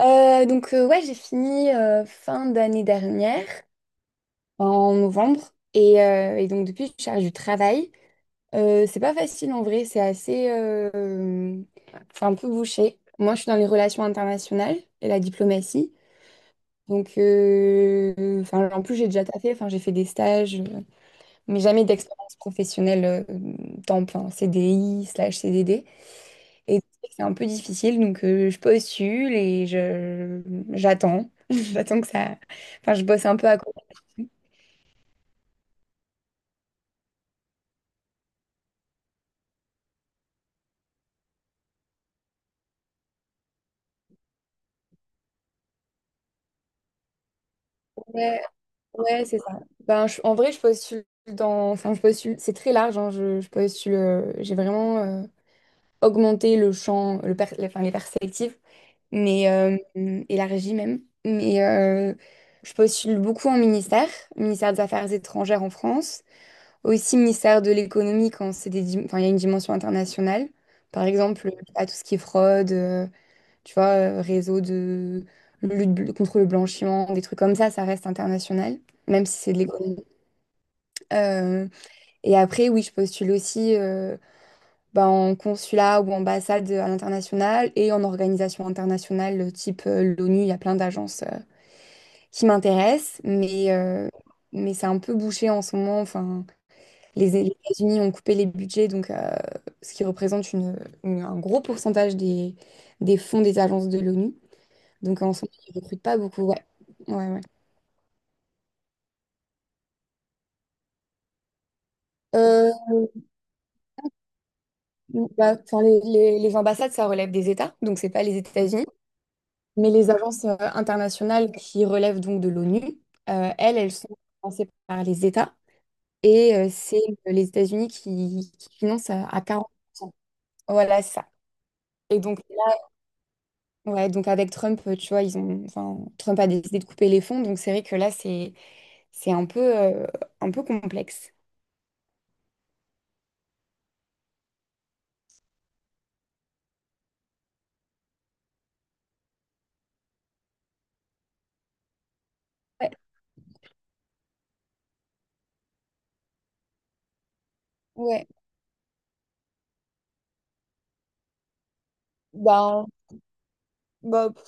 Ouais, j'ai fini fin d'année dernière, en novembre, et donc depuis, je cherche du travail. C'est pas facile en vrai, c'est enfin, un peu bouché. Moi, je suis dans les relations internationales et la diplomatie. Enfin, en plus, j'ai déjà taffé, enfin, j'ai fait des stages, mais jamais d'expérience professionnelle, temps plein, CDI slash CDD. Et c'est un peu difficile, je postule et je j'attends. J'attends que ça. Enfin, je bosse un peu à côté. Ouais, ouais, c'est ça. En vrai, je postule dans. Enfin, je postule. C'est très large, je postule. J'ai vraiment augmenté le champ, enfin, les perspectives, mais euh, et la régie même. Je postule beaucoup en ministère, ministère des Affaires étrangères en France. Aussi ministère de l'économie quand c'est enfin, il y a une dimension internationale. Par exemple, à tout ce qui est fraude, tu vois, réseau de lutte contre le blanchiment, des trucs comme ça reste international, même si c'est de l'économie. Euh, et après, oui, je postule aussi, bah, en consulat ou ambassade à l'international et en organisation internationale type l'ONU. Il y a plein d'agences qui m'intéressent, mais c'est un peu bouché en ce moment. Enfin, les États-Unis ont coupé les budgets, ce qui représente un gros pourcentage des fonds des agences de l'ONU. Donc en ce moment, ils ne recrutent pas beaucoup. Ouais. Ouais, ouais. Euh, bah, enfin, les, les ambassades, ça relève des États, donc c'est pas les États-Unis. Mais les agences internationales qui relèvent donc de l'ONU, elles, elles sont financées par les États. C'est les États-Unis qui financent à 40%. Voilà, c'est ça. Et donc, ouais, donc avec Trump, tu vois, ils ont, enfin, Trump a décidé de couper les fonds, donc c'est vrai que là, c'est un peu, un peu complexe. Ouais, ouais. Bah, bah, pff.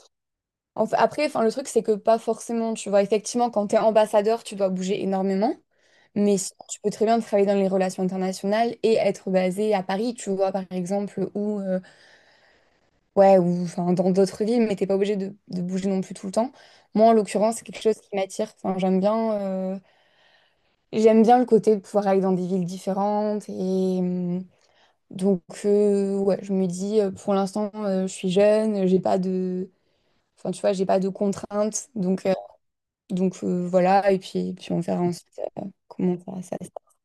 En fait, après, enfin, le truc, c'est que pas forcément, tu vois, effectivement, quand tu es ambassadeur, tu dois bouger énormément, mais sinon, tu peux très bien travailler dans les relations internationales et être basé à Paris, tu vois, par exemple, ou, ouais, ou enfin, dans d'autres villes, mais t'es pas obligé de bouger non plus tout le temps. Moi, en l'occurrence, c'est quelque chose qui m'attire. Enfin, j'aime bien. J'aime bien le côté de pouvoir aller dans des villes différentes. Ouais, je me dis, pour l'instant, je suis jeune, j'ai pas de, enfin, tu vois, j'ai pas de contraintes. Voilà. Et puis, puis on verra ensuite comment ça, ça se passe.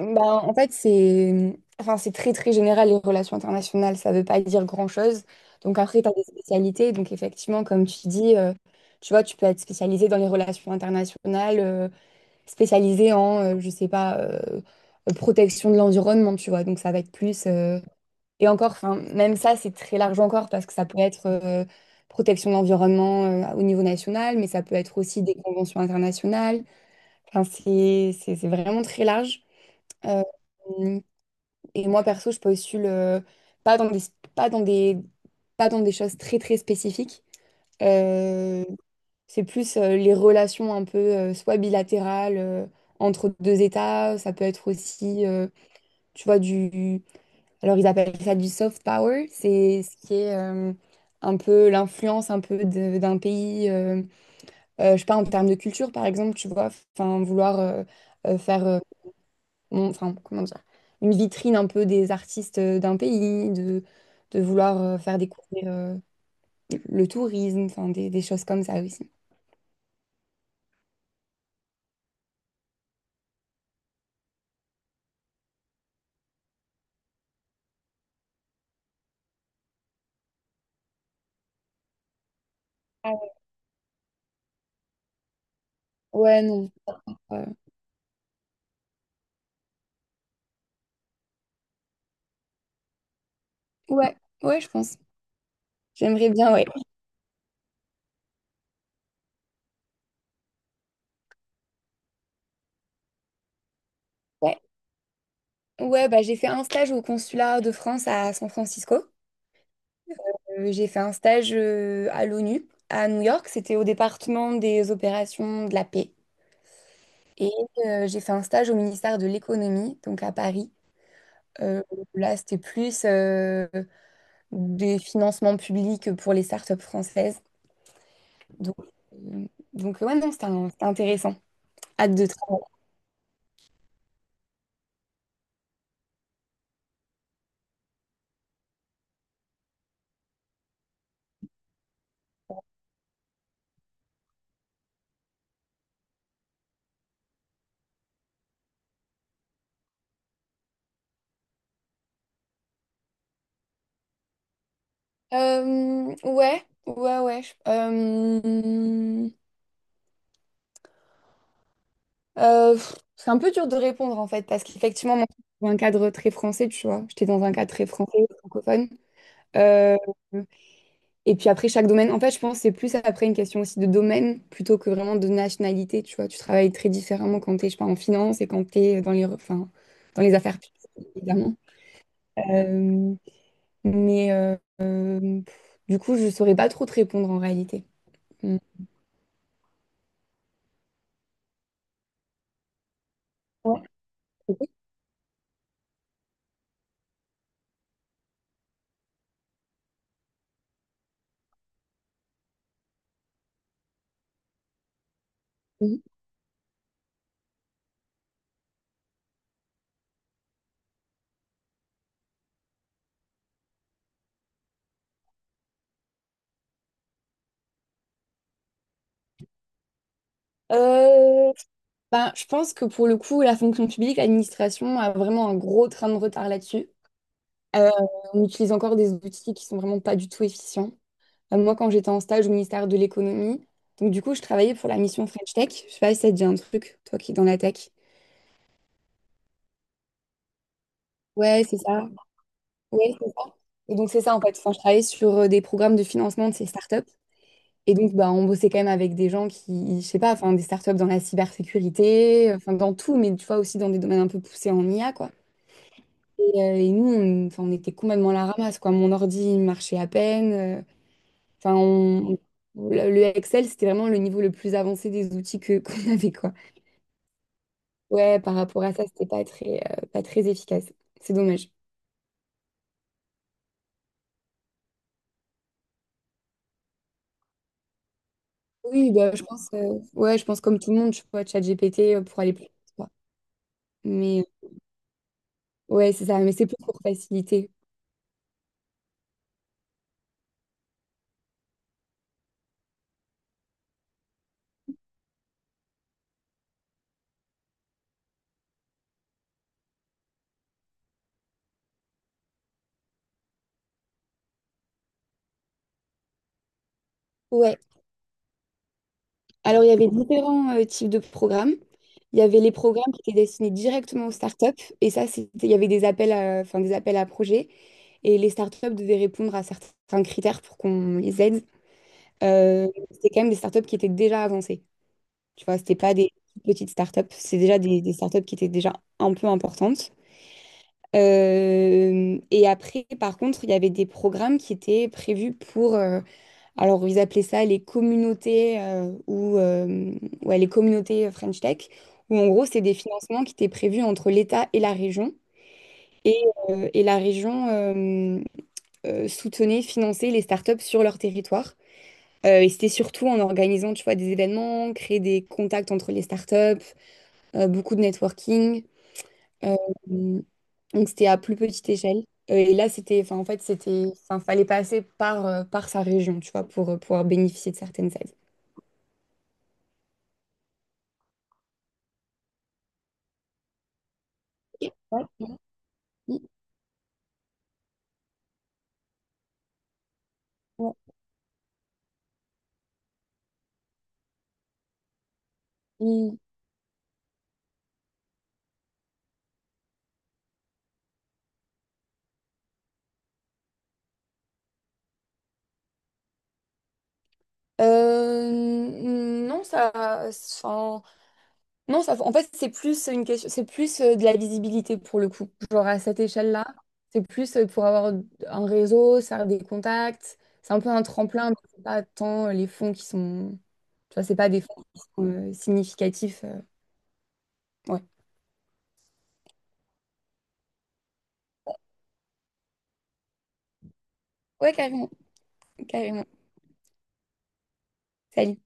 Bah, en fait, enfin, c'est très, très général, les relations internationales. Ça veut pas dire grand-chose. Donc, après, tu as des spécialités. Donc, effectivement, comme tu dis, tu vois, tu peux être spécialisé dans les relations internationales. Spécialisé en, je sais pas, protection de l'environnement, tu vois. Donc ça va être plus. Et encore, enfin, même ça, c'est très large encore parce que ça peut être protection de l'environnement au niveau national, mais ça peut être aussi des conventions internationales. Enfin, c'est vraiment très large. Euh, et moi, perso, je postule pas dans des, pas dans des, pas dans des choses très, très spécifiques. Euh, c'est plus les relations un peu soit bilatérales entre deux États, ça peut être aussi, tu vois, du... Alors ils appellent ça du soft power, c'est ce qui est un peu l'influence un peu d'un pays, je sais pas, en termes de culture par exemple, tu vois, enfin euh, faire, euh, enfin comment dire, une vitrine un peu des artistes d'un pays, de vouloir faire découvrir le tourisme, enfin des choses comme ça aussi. Ah ouais, ouais, non. Euh, ouais, ouais, je pense. J'aimerais bien, ouais. Ouais, ouais bah, j'ai fait un stage au consulat de France à San Francisco. J'ai fait un stage à l'ONU, à New York. C'était au département des opérations de la paix. Et j'ai fait un stage au ministère de l'économie, donc à Paris. Euh, là, c'était plus des financements publics pour les startups françaises. Donc, euh, donc ouais, non, c'était intéressant. Hâte de travailler. Ouais, ouais, ouais. C'est un peu dur de répondre en fait, parce qu'effectivement, moi, je suis dans un cadre très français, tu vois. J'étais dans un cadre très français, francophone. Euh, et puis après, chaque domaine, en fait, je pense que c'est plus après une question aussi de domaine plutôt que vraiment de nationalité, tu vois. Tu travailles très différemment quand t'es, je sais pas, en finance et quand t'es dans les, enfin, dans les affaires publiques, évidemment. Euh, mais euh, du coup, je saurais pas trop te répondre en réalité. Mm. Ouais. Euh, ben, je pense que pour le coup, la fonction publique, l'administration a vraiment un gros train de retard là-dessus. Euh, on utilise encore des outils qui sont vraiment pas du tout efficients. Moi, quand j'étais en stage au ministère de l'économie, donc du coup, je travaillais pour la mission French Tech. Je sais pas si ça te dit un truc, toi qui es dans la tech. Ouais, c'est ça. Ouais, c'est ça. Et donc, c'est ça en fait. Enfin, je travaillais sur des programmes de financement de ces startups. Et donc, bah, on bossait quand même avec des gens qui, je sais pas, enfin, des startups dans la cybersécurité, enfin, dans tout, mais tu vois, aussi dans des domaines un peu poussés en IA, quoi. Et nous, on, enfin, on était complètement à la ramasse, quoi. Mon ordi il marchait à peine. Enfin, le Excel, c'était vraiment le niveau le plus avancé des outils que qu'on avait, quoi. Ouais, par rapport à ça, c'était pas très, pas très efficace. C'est dommage. Oui, bah, je pense, ouais, je pense comme tout le monde, tu vois, ChatGPT pour aller plus vite, quoi. Mais euh, ouais, c'est ça. Mais c'est plus pour faciliter. Ouais. Alors, il y avait différents types de programmes. Il y avait les programmes qui étaient destinés directement aux startups, et ça, c'était, il y avait des appels à, enfin, des appels à projets. Et les startups devaient répondre à certains critères pour qu'on les aide. C'était quand même des startups qui étaient déjà avancées. Tu vois, c'était pas des petites startups, c'est déjà des startups qui étaient déjà un peu importantes. Et après, par contre, il y avait des programmes qui étaient prévus pour, alors ils appelaient ça les communautés ou ouais, les communautés French Tech, où en gros, c'est des financements qui étaient prévus entre l'État et la région. Et, et la région soutenait, finançait les startups sur leur territoire. Et c'était surtout en organisant, tu vois, des événements, créer des contacts entre les startups, beaucoup de networking. Euh, donc c'était à plus petite échelle. Et là, c'était, enfin, en fait, c'était, enfin, fallait passer par, par sa région, tu vois, pour pouvoir bénéficier de certaines aides. Mm, ouais, mm. Euh, non, ça, non, ça, en fait, c'est plus une question, c'est plus de la visibilité pour le coup. Genre à cette échelle-là, c'est plus pour avoir un réseau, ça a des contacts. C'est un peu un tremplin, mais c'est pas tant les fonds qui sont. Tu vois, c'est pas des fonds qui sont significatifs. Ouais. Ouais, carrément, carrément. Salut.